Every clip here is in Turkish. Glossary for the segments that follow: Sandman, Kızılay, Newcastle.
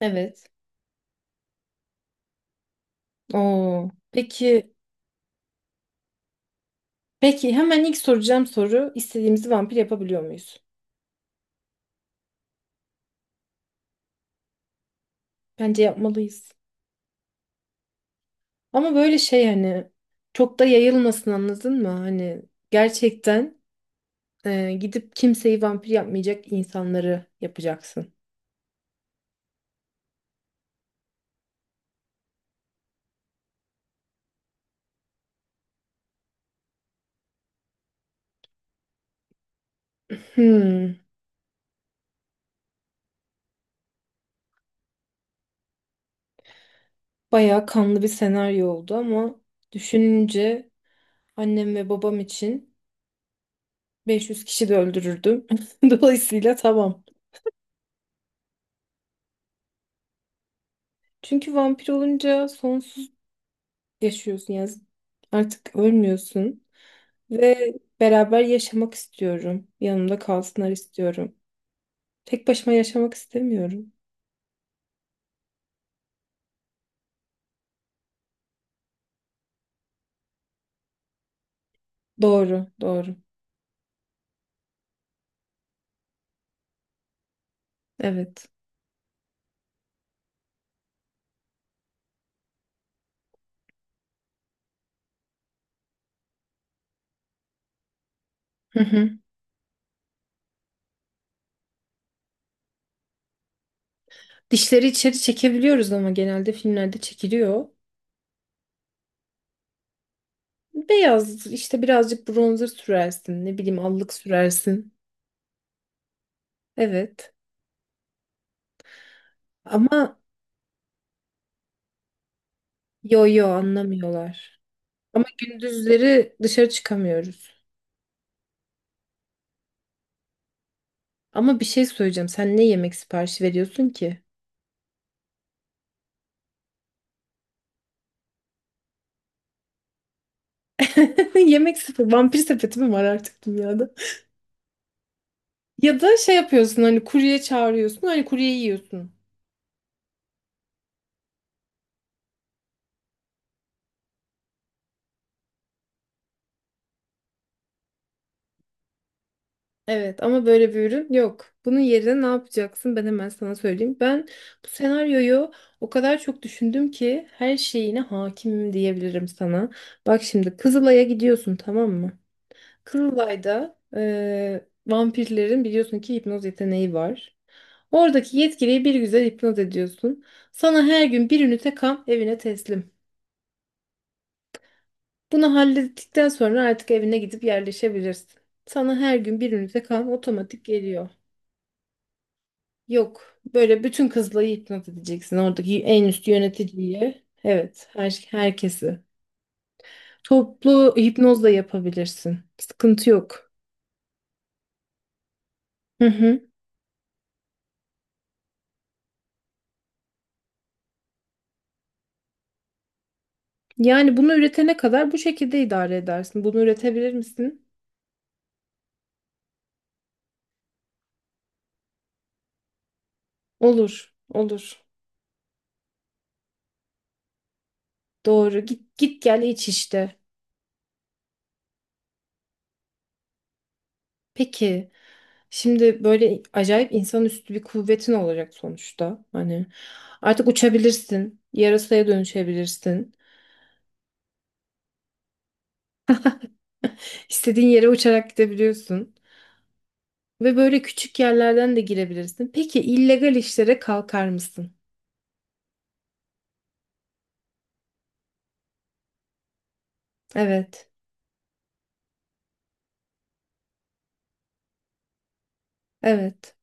Evet. Oo. Peki, peki, hemen ilk soracağım soru istediğimizi vampir yapabiliyor muyuz? Bence yapmalıyız. Ama böyle şey hani çok da yayılmasın anladın mı? Hani gerçekten gidip kimseyi vampir yapmayacak insanları yapacaksın. Hmm, bayağı kanlı bir senaryo oldu ama düşününce annem ve babam için 500 kişi de öldürürdüm. Dolayısıyla tamam. Çünkü vampir olunca sonsuz yaşıyorsun ya. Artık ölmüyorsun ve beraber yaşamak istiyorum. Yanımda kalsınlar istiyorum. Tek başıma yaşamak istemiyorum. Doğru, doğru. Evet. Hı hı. Dişleri içeri çekebiliyoruz ama genelde filmlerde çekiliyor. Beyaz işte birazcık bronzer sürersin, ne bileyim allık sürersin. Evet. Ama yo yo anlamıyorlar. Ama gündüzleri dışarı çıkamıyoruz. Ama bir şey söyleyeceğim. Sen ne yemek siparişi veriyorsun ki? Yemek sepeti, vampir sepeti mi var artık dünyada? Ya da şey yapıyorsun hani kurye çağırıyorsun hani kurye yiyorsun. Evet ama böyle bir ürün yok. Bunun yerine ne yapacaksın ben hemen sana söyleyeyim. Ben bu senaryoyu o kadar çok düşündüm ki her şeyine hakimim diyebilirim sana. Bak şimdi Kızılay'a gidiyorsun tamam mı? Kızılay'da vampirlerin biliyorsun ki hipnoz yeteneği var. Oradaki yetkiliyi bir güzel hipnoz ediyorsun. Sana her gün bir ünite kan evine teslim. Bunu hallettikten sonra artık evine gidip yerleşebilirsin. Sana her gün bir ünite kan otomatik geliyor. Yok, böyle bütün kızları hipnot edeceksin oradaki en üst yöneticiyi. Evet, herkesi. Toplu hipnozla yapabilirsin. Sıkıntı yok. Hı hı. Yani bunu üretene kadar bu şekilde idare edersin. Bunu üretebilir misin? Olur, olur. Doğru. Git git gel iç işte. Peki. Şimdi böyle acayip insanüstü bir kuvvetin olacak sonuçta. Hani artık uçabilirsin, yarasaya dönüşebilirsin. İstediğin yere uçarak gidebiliyorsun ve böyle küçük yerlerden de girebilirsin. Peki illegal işlere kalkar mısın? Evet. Evet.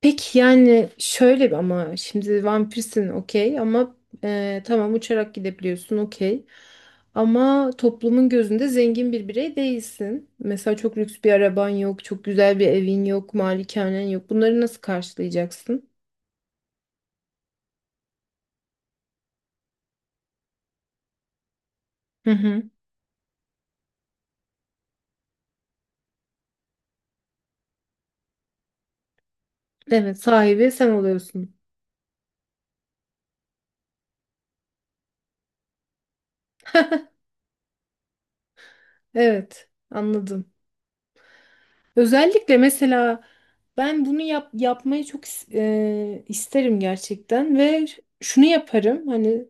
Peki yani şöyle bir ama şimdi vampirsin okey ama tamam uçarak gidebiliyorsun okey. Ama toplumun gözünde zengin bir birey değilsin. Mesela çok lüks bir araban yok, çok güzel bir evin yok, malikanen yok. Bunları nasıl karşılayacaksın? Hı hı. Evet, sahibi sen oluyorsun. Evet, anladım. Özellikle mesela ben bunu yapmayı çok isterim gerçekten ve şunu yaparım hani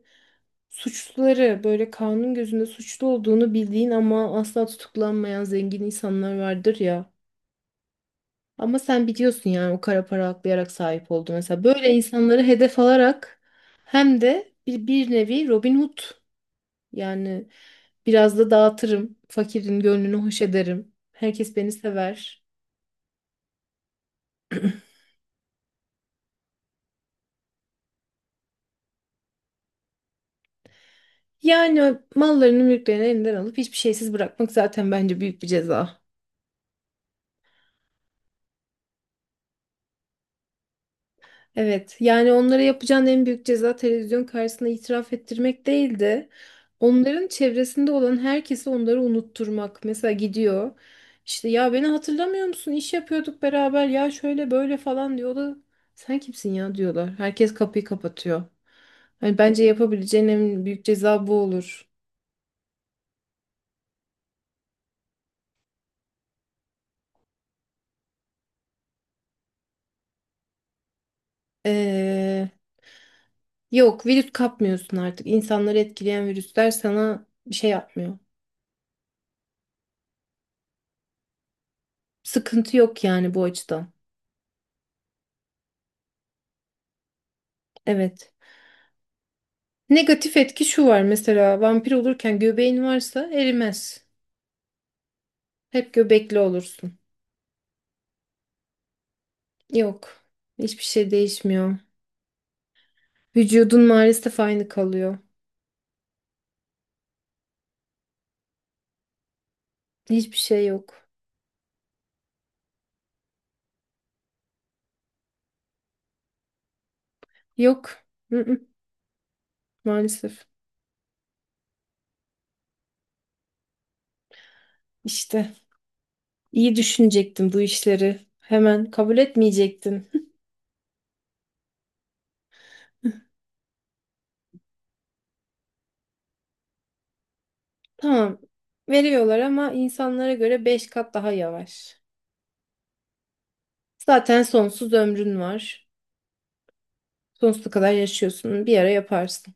suçluları böyle kanun gözünde suçlu olduğunu bildiğin ama asla tutuklanmayan zengin insanlar vardır ya. Ama sen biliyorsun yani o kara para aklayarak sahip oldu mesela. Böyle insanları hedef alarak hem de bir nevi Robin Hood yani biraz da dağıtırım. Fakirin gönlünü hoş ederim. Herkes beni sever. Yani mallarını mülklerini elinden alıp hiçbir şeysiz bırakmak zaten bence büyük bir ceza. Evet, yani onlara yapacağın en büyük ceza televizyon karşısında itiraf ettirmek değildi. Onların çevresinde olan herkesi onları unutturmak. Mesela gidiyor. İşte ya beni hatırlamıyor musun? İş yapıyorduk beraber. Ya şöyle böyle falan diyor. O da sen kimsin ya diyorlar. Herkes kapıyı kapatıyor. Hani bence yapabileceğin en büyük ceza bu olur. Ee, yok virüs kapmıyorsun artık. İnsanları etkileyen virüsler sana bir şey yapmıyor. Sıkıntı yok yani bu açıdan. Evet. Negatif etki şu var mesela vampir olurken göbeğin varsa erimez. Hep göbekli olursun. Yok. Hiçbir şey değişmiyor. Vücudun maalesef aynı kalıyor. Hiçbir şey yok. Yok. Mm-mm, maalesef. İşte iyi düşünecektin bu işleri. Hemen kabul etmeyecektin. Tamam. Veriyorlar ama insanlara göre 5 kat daha yavaş. Zaten sonsuz ömrün var. Sonsuza kadar yaşıyorsun. Bir ara yaparsın.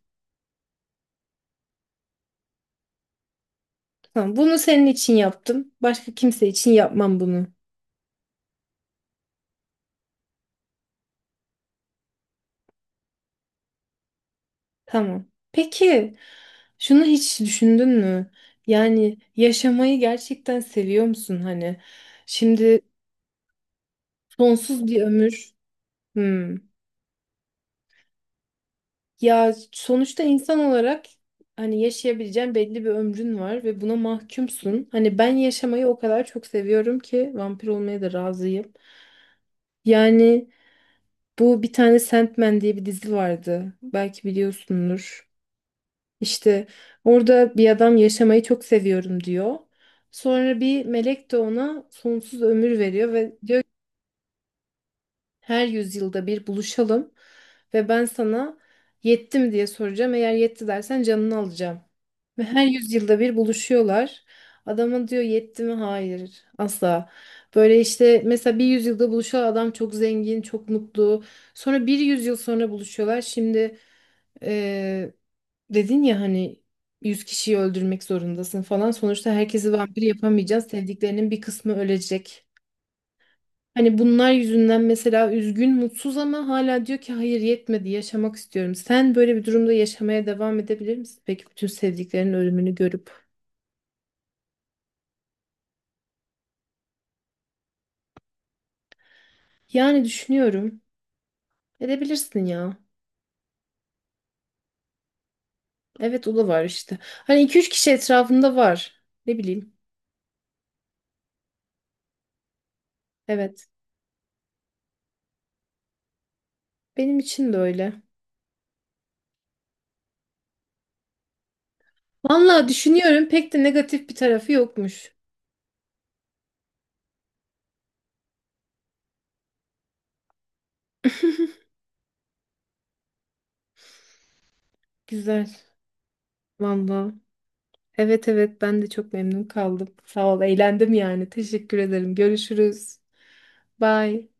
Tamam, bunu senin için yaptım. Başka kimse için yapmam bunu. Tamam. Peki, şunu hiç düşündün mü? Yani yaşamayı gerçekten seviyor musun hani? Şimdi sonsuz bir ömür. Hmm. Ya sonuçta insan olarak hani yaşayabileceğin belli bir ömrün var ve buna mahkumsun. Hani ben yaşamayı o kadar çok seviyorum ki vampir olmaya da razıyım. Yani bu bir tane Sandman diye bir dizi vardı. Belki biliyorsundur. İşte orada bir adam yaşamayı çok seviyorum diyor. Sonra bir melek de ona sonsuz ömür veriyor ve diyor ki, her yüzyılda bir buluşalım ve ben sana yettim diye soracağım. Eğer yetti dersen canını alacağım. Ve her yüzyılda bir buluşuyorlar. Adama diyor yetti mi? Hayır. Asla. Böyle işte mesela bir yüzyılda buluşan adam çok zengin, çok mutlu. Sonra bir yüzyıl sonra buluşuyorlar. Şimdi ee, dedin ya hani 100 kişiyi öldürmek zorundasın falan. Sonuçta herkesi vampir yapamayacağız. Sevdiklerinin bir kısmı ölecek. Hani bunlar yüzünden mesela üzgün, mutsuz ama hala diyor ki hayır yetmedi, yaşamak istiyorum. Sen böyle bir durumda yaşamaya devam edebilir misin? Peki bütün sevdiklerinin ölümünü görüp. Yani düşünüyorum. Edebilirsin ya. Evet o da var işte. Hani iki üç kişi etrafında var. Ne bileyim. Evet. Benim için de öyle. Vallahi düşünüyorum pek de negatif bir tarafı yokmuş. Güzel. Valla. Evet evet ben de çok memnun kaldım. Sağ ol. Eğlendim yani. Teşekkür ederim. Görüşürüz. Bye.